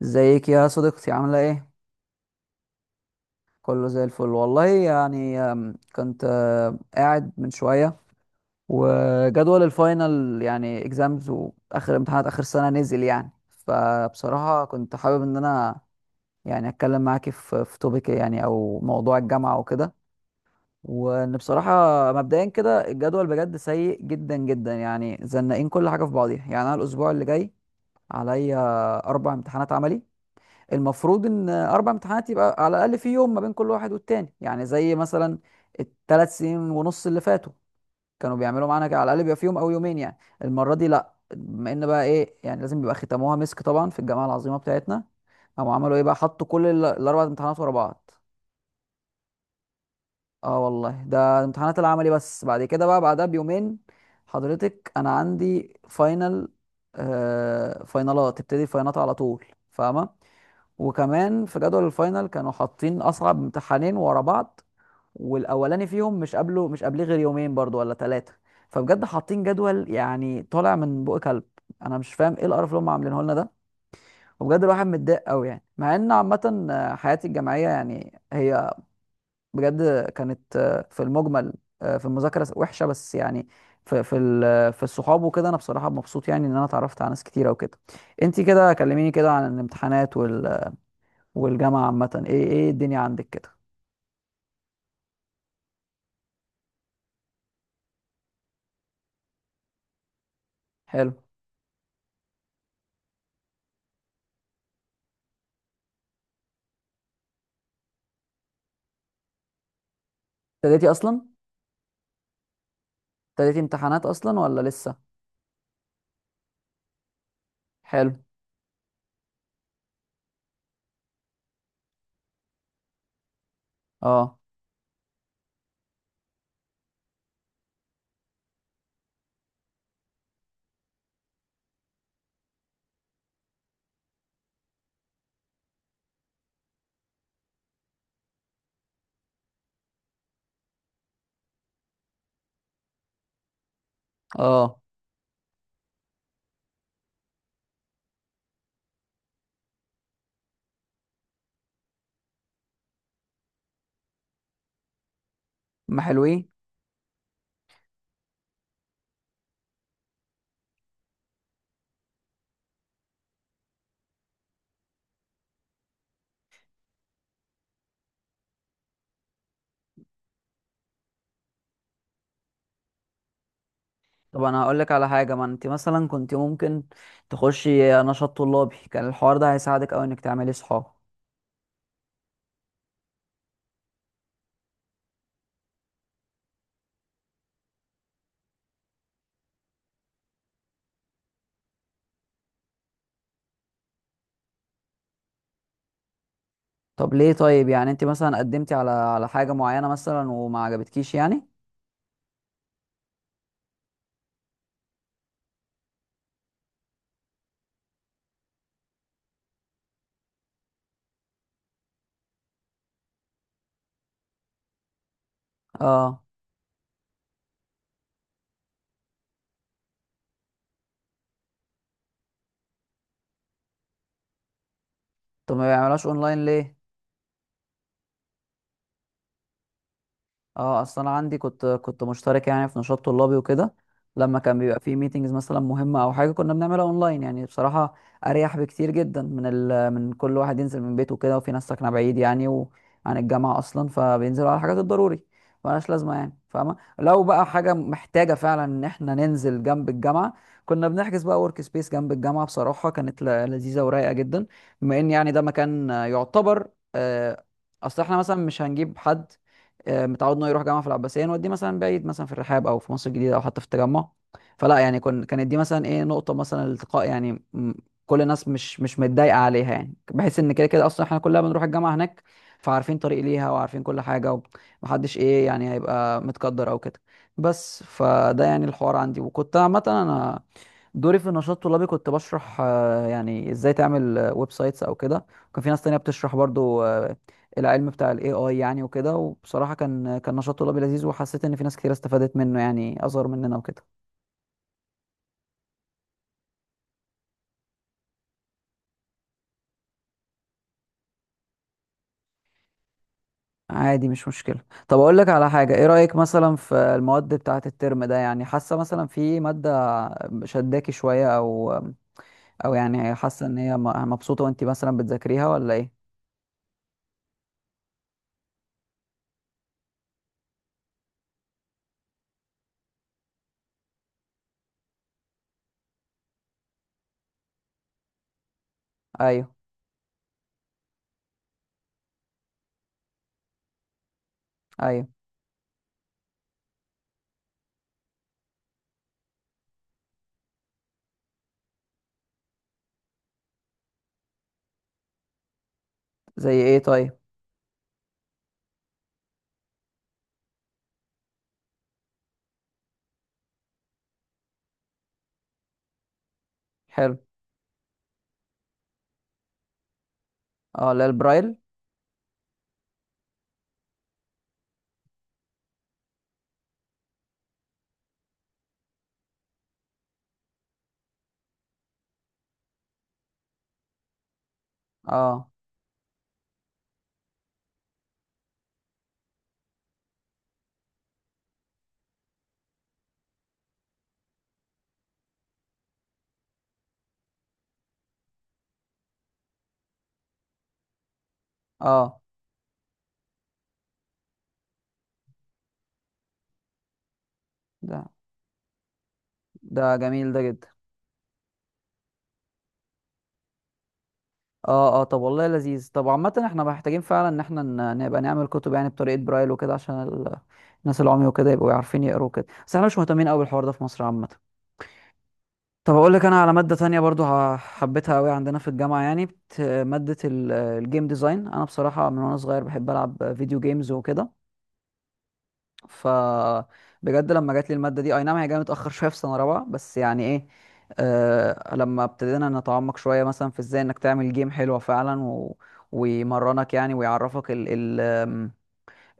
وازيك يا صديقتي عاملة ايه؟ كله زي الفل والله يعني، كنت قاعد من شوية. وجدول الفاينل يعني اكزامز واخر امتحانات اخر سنة نزل يعني، فبصراحة كنت حابب ان انا يعني اتكلم معاكي في توبيك يعني او موضوع الجامعة وكده. وان بصراحة مبدئيا كده الجدول بجد سيء جدا جدا، يعني زنقين كل حاجة في بعضيها. يعني انا الاسبوع اللي جاي عليا 4 امتحانات عملي. المفروض ان 4 امتحانات يبقى على الاقل في يوم ما بين كل واحد والتاني، يعني زي مثلا ال3 سنين ونص اللي فاتوا كانوا بيعملوا معانا كده، على الاقل بيبقى في يوم او يومين يعني. المره دي لا، بما ان بقى ايه يعني لازم بيبقى، ختموها مسك طبعا في الجامعه العظيمه بتاعتنا. او عملوا ايه بقى، حطوا كل ال4 امتحانات ورا بعض. اه والله ده امتحانات العملي بس، بعد كده بقى بعدها بيومين حضرتك انا عندي فاينل. فاينالات، تبتدي الفاينالات على طول، فاهمه. وكمان في جدول الفاينل كانوا حاطين اصعب امتحانين ورا بعض، والاولاني فيهم مش قبليه غير يومين برضو ولا ثلاثه. فبجد حاطين جدول يعني طالع من بق كلب. انا مش فاهم ايه القرف اللي هم عاملينه لنا ده. وبجد الواحد متضايق قوي، يعني مع ان عامه حياتي الجامعيه يعني هي بجد كانت، في المجمل، في المذاكره وحشه، بس يعني في الصحاب وكده انا بصراحه مبسوط يعني ان انا اتعرفت على ناس كتيره وكده. انتي كده كلميني كده عن الامتحانات والجامعة عامة، ايه ايه الدنيا عندك كده؟ حلو. ابتديتي اصلا ابتديتي امتحانات اصلا ولا لسه؟ حلو. اه، اه، ما حلوين. طب انا هقول لك على حاجة، ما انت مثلا كنت ممكن تخشي نشاط طلابي، كان الحوار ده هيساعدك قوي انك تعملي صحاب. طب ليه؟ طيب يعني انت مثلا قدمتي على حاجة معينة مثلا وما عجبتكيش يعني؟ اه. طب ما بيعملهاش اونلاين ليه؟ اه، اصل انا عندي، كنت مشترك يعني في نشاط طلابي وكده. لما كان بيبقى فيه ميتينجز مثلا مهمه او حاجه كنا بنعملها اونلاين، يعني بصراحه اريح بكتير جدا من كل واحد ينزل من بيته وكده، وفي ناس ساكنه بعيد يعني وعن الجامعه اصلا فبينزلوا على الحاجات الضروري. ملهاش لازمه يعني، فاهمه، لو بقى حاجه محتاجه فعلا ان احنا ننزل جنب الجامعه، كنا بنحجز بقى ورك سبيس جنب الجامعه. بصراحه كانت لذيذه ورايقه جدا، بما ان يعني ده مكان يعتبر، آه، اصل احنا مثلا مش هنجيب حد متعود انه يروح جامعه في العباسيه نوديه مثلا، بعيد مثلا في الرحاب او في مصر الجديده او حتى في التجمع. فلا يعني، كانت دي مثلا ايه نقطه مثلا الالتقاء، يعني كل الناس مش متضايقه عليها، يعني بحيث ان كده كده اصلا احنا كلنا بنروح الجامعه هناك، فعارفين طريق ليها وعارفين كل حاجه، ومحدش ايه يعني هيبقى متقدر او كده. بس فده يعني الحوار عندي. وكنت عامه انا دوري في النشاط الطلابي كنت بشرح، يعني ازاي تعمل ويب سايتس او كده. وكان في ناس تانية بتشرح برضو العلم بتاع الاي اي يعني وكده. وبصراحة كان نشاط طلابي لذيذ، وحسيت ان في ناس كتير استفادت منه يعني اصغر مننا وكده. عادي، مش مشكلة. طب اقول لك على حاجة، ايه رأيك مثلا في المواد بتاعة الترم ده؟ يعني حاسة مثلا في مادة شداكي شوية، او يعني حاسة ان هي مبسوطة وانت مثلا بتذاكريها ولا ايه؟ ايوه، ايوه. زي ايه طيب؟ حلو. اه، لا البرايل. اه، اه. ده ده جميل ده جدا. اه، اه. طب والله لذيذ. طب عامة احنا محتاجين فعلا ان احنا نبقى نعمل كتب يعني بطريقة برايل وكده، عشان الناس العمي وكده يبقوا عارفين يقروا كده. بس احنا مش مهتمين قوي بالحوار ده في مصر عامة. طب اقول لك انا على مادة تانية برضو حبيتها قوي عندنا في الجامعة، يعني مادة الجيم ديزاين. انا بصراحة من وانا صغير بحب العب فيديو جيمز وكده. ف بجد لما جات لي الماده دي، اي نعم هي جايه متاخر شويه في سنه رابعه، بس يعني ايه، لما ابتدينا نتعمق شويه مثلا في ازاي انك تعمل جيم حلوه فعلا ويمرنك يعني ويعرفك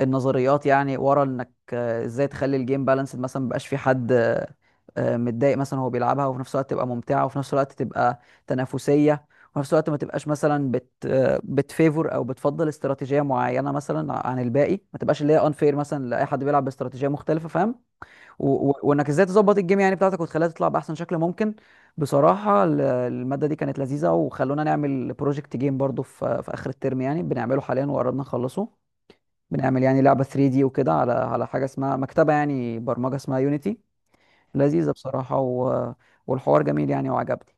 النظريات، يعني ورا انك ازاي تخلي الجيم بالانسد مثلا مبقاش في حد متضايق مثلا وهو بيلعبها، وفي نفس الوقت تبقى ممتعه، وفي نفس الوقت تبقى تنافسيه، وفي نفس الوقت ما تبقاش مثلا بت آه، بتفيفور او بتفضل استراتيجيه معينه مثلا عن الباقي، ما تبقاش اللي هي انفير مثلا لاي حد بيلعب باستراتيجيه مختلفه، فاهم؟ وانك ازاي تظبط الجيم يعني بتاعتك وتخليها تطلع باحسن شكل ممكن. بصراحه الماده دي كانت لذيذه، وخلونا نعمل بروجكت جيم برضو في اخر الترم، يعني بنعمله حاليا وقربنا نخلصه. بنعمل يعني لعبة 3 دي وكده، على حاجة اسمها مكتبة يعني برمجة اسمها يونيتي، لذيذة بصراحة، والحوار جميل يعني وعجبني.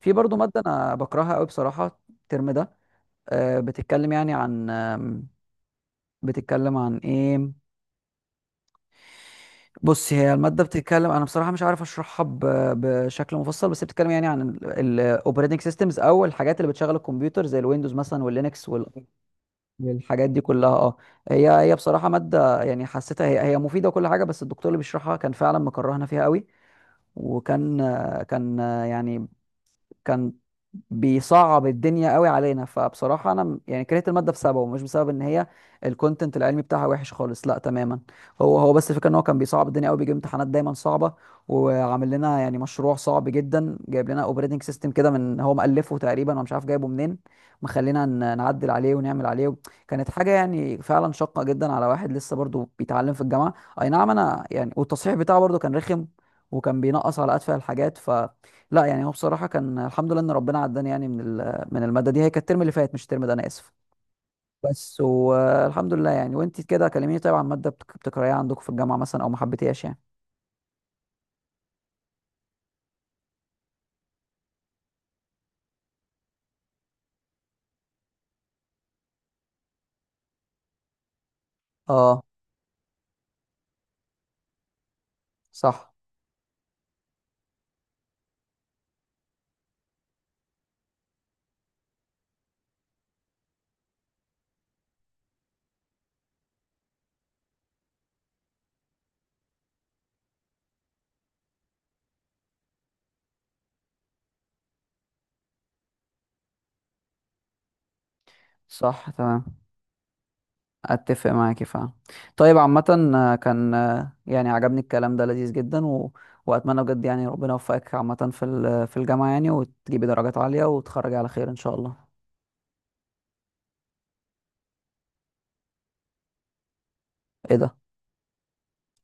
في برضو مادة أنا بكرهها قوي بصراحة الترم ده، بتتكلم يعني عن بتتكلم عن إيه؟ بص، هي المادة بتتكلم، أنا بصراحة مش عارف أشرحها بشكل مفصل، بس هي بتتكلم يعني عن الأوبريتنج سيستمز أو الحاجات اللي بتشغل الكمبيوتر زي الويندوز مثلا واللينكس. الحاجات دي كلها اه. هي بصراحه ماده يعني حسيتها هي مفيده وكل حاجه، بس الدكتور اللي بيشرحها كان فعلا مكرهنا فيها قوي. وكان كان يعني كان بيصعب الدنيا قوي علينا، فبصراحة انا يعني كرهت المادة بسببه، ومش بسبب ان هي الكونتنت العلمي بتاعها وحش خالص، لا تماما. هو بس الفكرة ان هو كان بيصعب الدنيا قوي، بيجيب امتحانات دايما صعبة، وعامل لنا يعني مشروع صعب جدا، جايب لنا اوبريتنج سيستم كده من هو مألفه تقريبا ومش عارف جايبه منين، مخلينا نعدل عليه ونعمل عليه. كانت حاجة يعني فعلا شاقة جدا على واحد لسه برضه بيتعلم في الجامعة. اي نعم انا يعني، والتصحيح بتاعه برضه كان رخم، وكان بينقص على ادفع الحاجات، لا يعني هو بصراحة كان الحمد لله إن ربنا عداني يعني من المادة دي. هي كانت الترم اللي فات مش الترم ده، أنا آسف. بس والحمد لله يعني. وأنت كده كلميني طيب عن مادة بتكرهيها عندكم في الجامعة مثلا، أو ما حبيتيهاش يعني؟ أه. صح، صح تمام، أتفق معاكي فعلا. طيب عامة كان يعني عجبني الكلام ده لذيذ جدا، وأتمنى بجد يعني ربنا يوفقك عامة في الجامعة، يعني وتجيبي درجات عالية وتخرجي على خير إن شاء الله. إيه ده!